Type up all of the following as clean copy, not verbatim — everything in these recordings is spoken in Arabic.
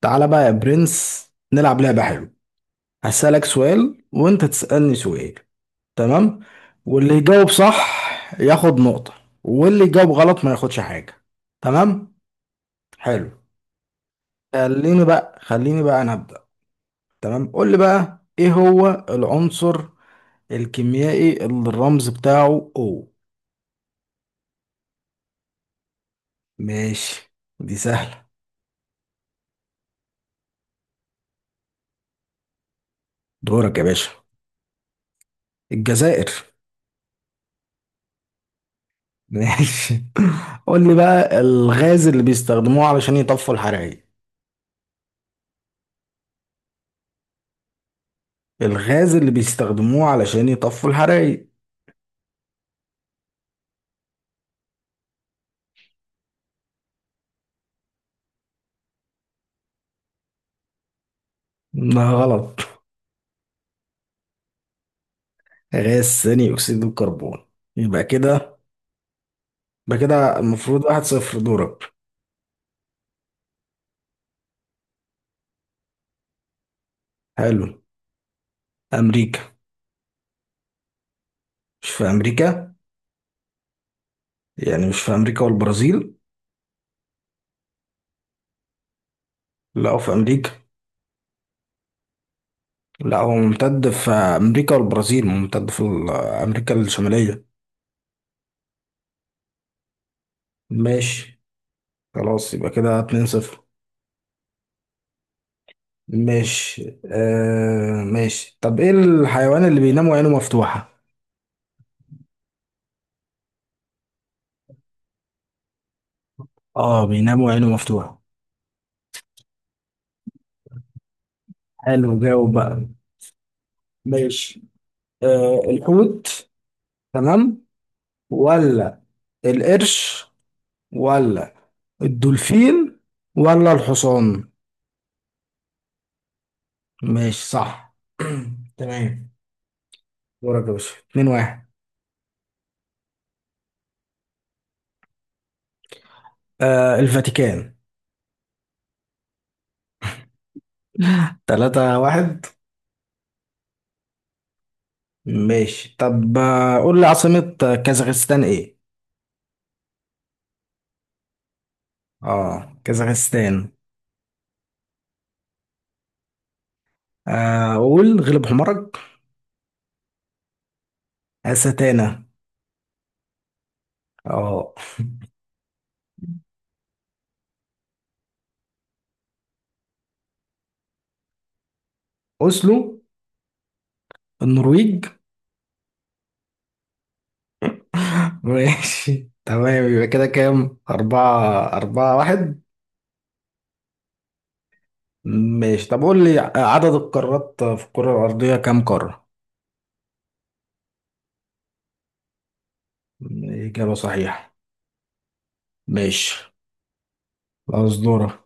تعالى بقى يا برنس، نلعب لعبة حلوة. هسألك سؤال وانت تسألني سؤال. تمام. واللي يجاوب صح ياخد نقطة، واللي يجاوب غلط ما ياخدش حاجة. تمام. حلو. خليني بقى انا أبدأ. تمام، قول لي بقى ايه هو العنصر الكيميائي اللي الرمز بتاعه O؟ ماشي، دي سهلة. دورك يا باشا. الجزائر. ماشي. قول لي بقى الغاز اللي بيستخدموه علشان يطفوا الحرائق. الغاز اللي بيستخدموه علشان يطفوا الحرايق. ده غلط. غاز ثاني أكسيد الكربون. يبقى كده. يبقى كده المفروض 1-0. دورك. حلو. أمريكا. مش في أمريكا. يعني مش في أمريكا والبرازيل؟ لا، هو في أمريكا. لا، هو ممتد في أمريكا والبرازيل، ممتد أمريكا الشمالية. ماشي. خلاص، يبقى كده 2-0. ماشي. ماشي، طب ايه الحيوان اللي بينام وعينه مفتوحة؟ اه، بينام وعينه مفتوحة. حلو، جاوب بقى. ماشي. الحوت. تمام. ولا القرش؟ ولا الدولفين؟ ولا الحصان؟ ماشي، صح. تمام. دورك يا باشا، 2-1. الفاتيكان. 3-1. ماشي، طب قول لي عاصمة كازاخستان ايه؟ اه كازاخستان. قول، غلب حمارك. أستانا. اه. اوسلو. النرويج. ماشي. تمام، يبقى كده كام، أربعة، 4-1. ماشي، طب قول لي عدد القارات في الكرة الأرضية كام قارة؟ إجابة صحيحة. ماشي. خلاص، دورة.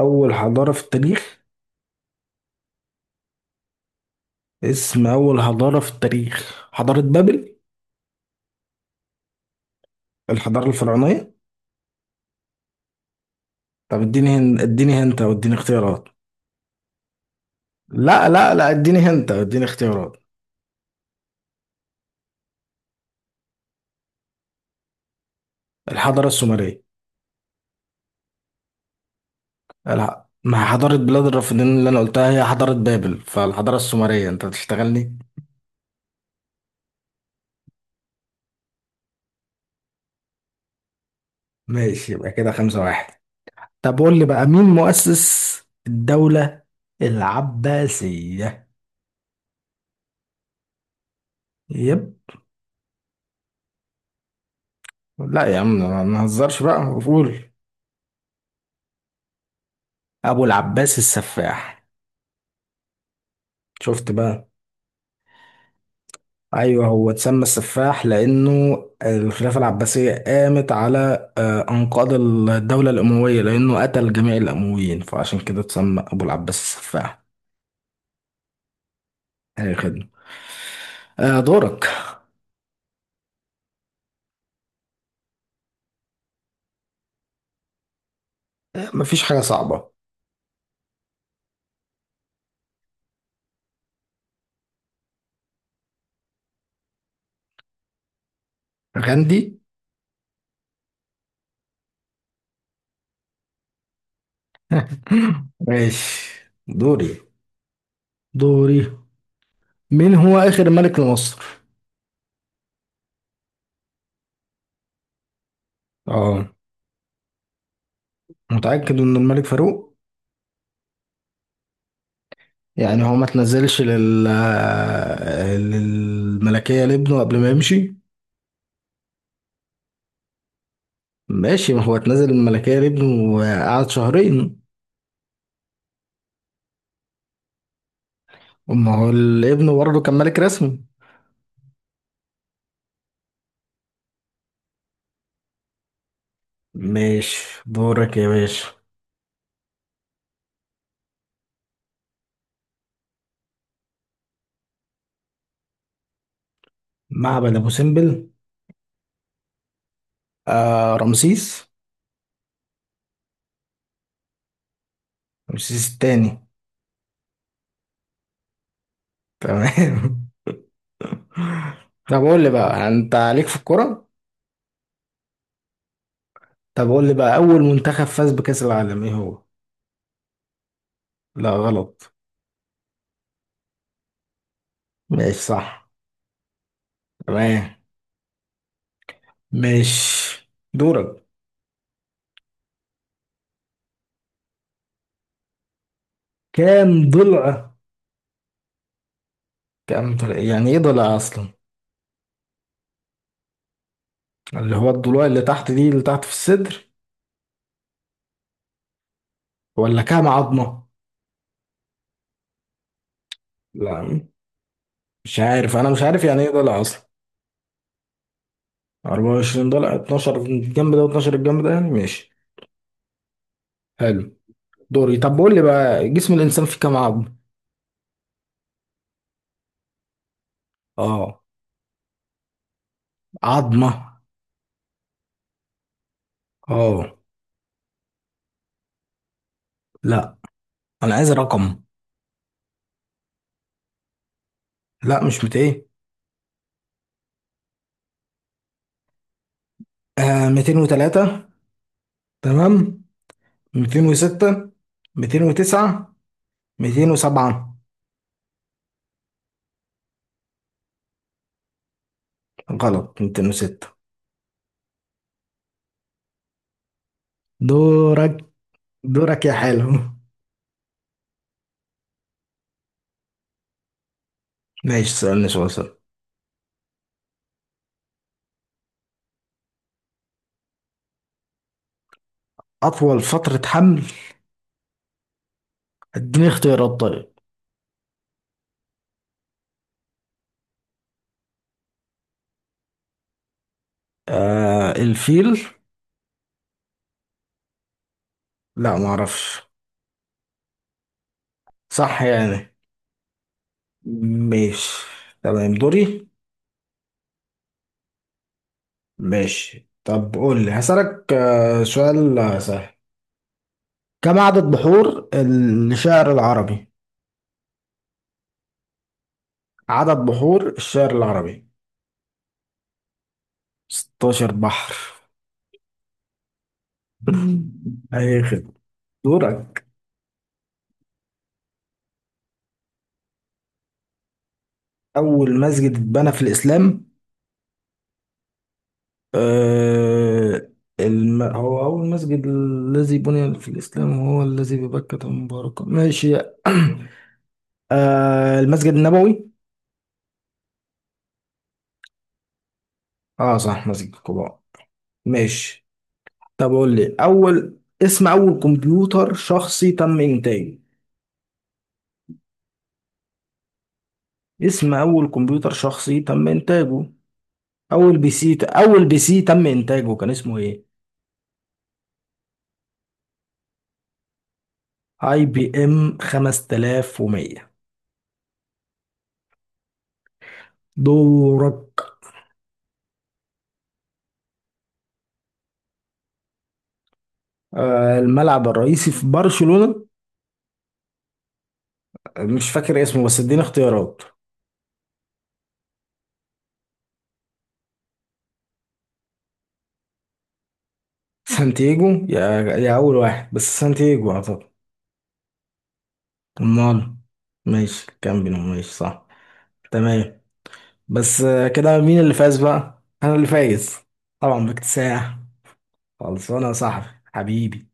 أول حضارة في التاريخ. اسم أول حضارة في التاريخ حضارة بابل. الحضارة الفرعونية. طب اديني اديني هنت أو اديني اختيارات. لا لا لا، اديني هنت أو اديني اختيارات. الحضارة السومرية. ما حضارة بلاد الرافدين اللي أنا قلتها هي حضارة بابل، فالحضارة السومرية أنت بتشتغلني. ماشي، يبقى كده 5-1. طب قول لي بقى مين مؤسس الدولة العباسية؟ يب لا يا عم، ما نهزرش بقى. قول. أبو العباس السفاح. شفت بقى؟ أيوه، هو اتسمى السفاح لأنه الخلافة العباسية قامت على أنقاض الدولة الأموية، لأنه قتل جميع الأمويين فعشان كده اتسمى أبو العباس السفاح. أي خدمة. دورك. مفيش حاجة صعبة. غاندي. ماشي. دوري، دوري. مين هو آخر ملك لمصر؟ اه. متأكد إن الملك فاروق؟ يعني هو ما تنزلش للملكية لابنه قبل ما يمشي؟ ماشي، ما هو اتنزل الملكية لابنه وقعد شهرين. أما هو الابن برضه كان ملك رسمي. ماشي، دورك يا باشا. معبد أبو سمبل. رمسيس. رمسيس التاني. تمام. طب قول لي بقى أنت عليك في الكرة. طب قول لي بقى أول منتخب فاز بكأس العالم إيه هو؟ لا، غلط. ماشي، صح. تمام. ماشي، دورك. كام ضلع؟ كام ضلع؟ يعني ايه ضلع اصلا؟ اللي هو الضلوع اللي تحت دي، اللي تحت في الصدر. ولا كام عظمة؟ لا، مش عارف، انا مش عارف يعني ايه ضلع اصلا. 24 ضلع، 12 الجنب ده و12 الجنب ده، يعني ماشي. حلو. دوري، طب قول لي بقى جسم الانسان فيه كام عظمة؟ اه. عظمة. اه. لا، انا عايز رقم. لا، مش 200. 203. تمام. 206. 209. 207. غلط. 206. دورك. دورك يا حلو. ماشي، سألني سؤال سهل. أطول فترة حمل؟ اديني اختيارات طيب. الفيل. لا، ما اعرفش. صح يعني؟ ماشي. تمام، دوري. ماشي، طب قول لي هسألك سؤال سهل. كم عدد بحور الشعر العربي؟ عدد بحور الشعر العربي. 16 بحر. اي خدمة. دورك. اول مسجد اتبنى في الاسلام. آه هو اول مسجد الذي بني في الاسلام هو الذي ببكة مباركة، ماشي. المسجد النبوي. اه، صح، مسجد قباء. ماشي. طب قول لي اول، اسم اول كمبيوتر شخصي تم انتاجه. اسم اول كمبيوتر شخصي تم انتاجه. اول بي سي تم انتاجه كان اسمه ايه؟ اي بي ام 5100. دورك. الملعب الرئيسي في برشلونة. مش فاكر اسمه، بس اديني اختيارات. سانتياجو، يا اول واحد، بس سانتياجو اعتقد. امال. ماشي، كامبينو، ماشي، صح. تمام. بس كده مين اللي فاز بقى؟ انا اللي فايز، طبعا، باكتساح. خلصانه يا صاحبي. حبيبي.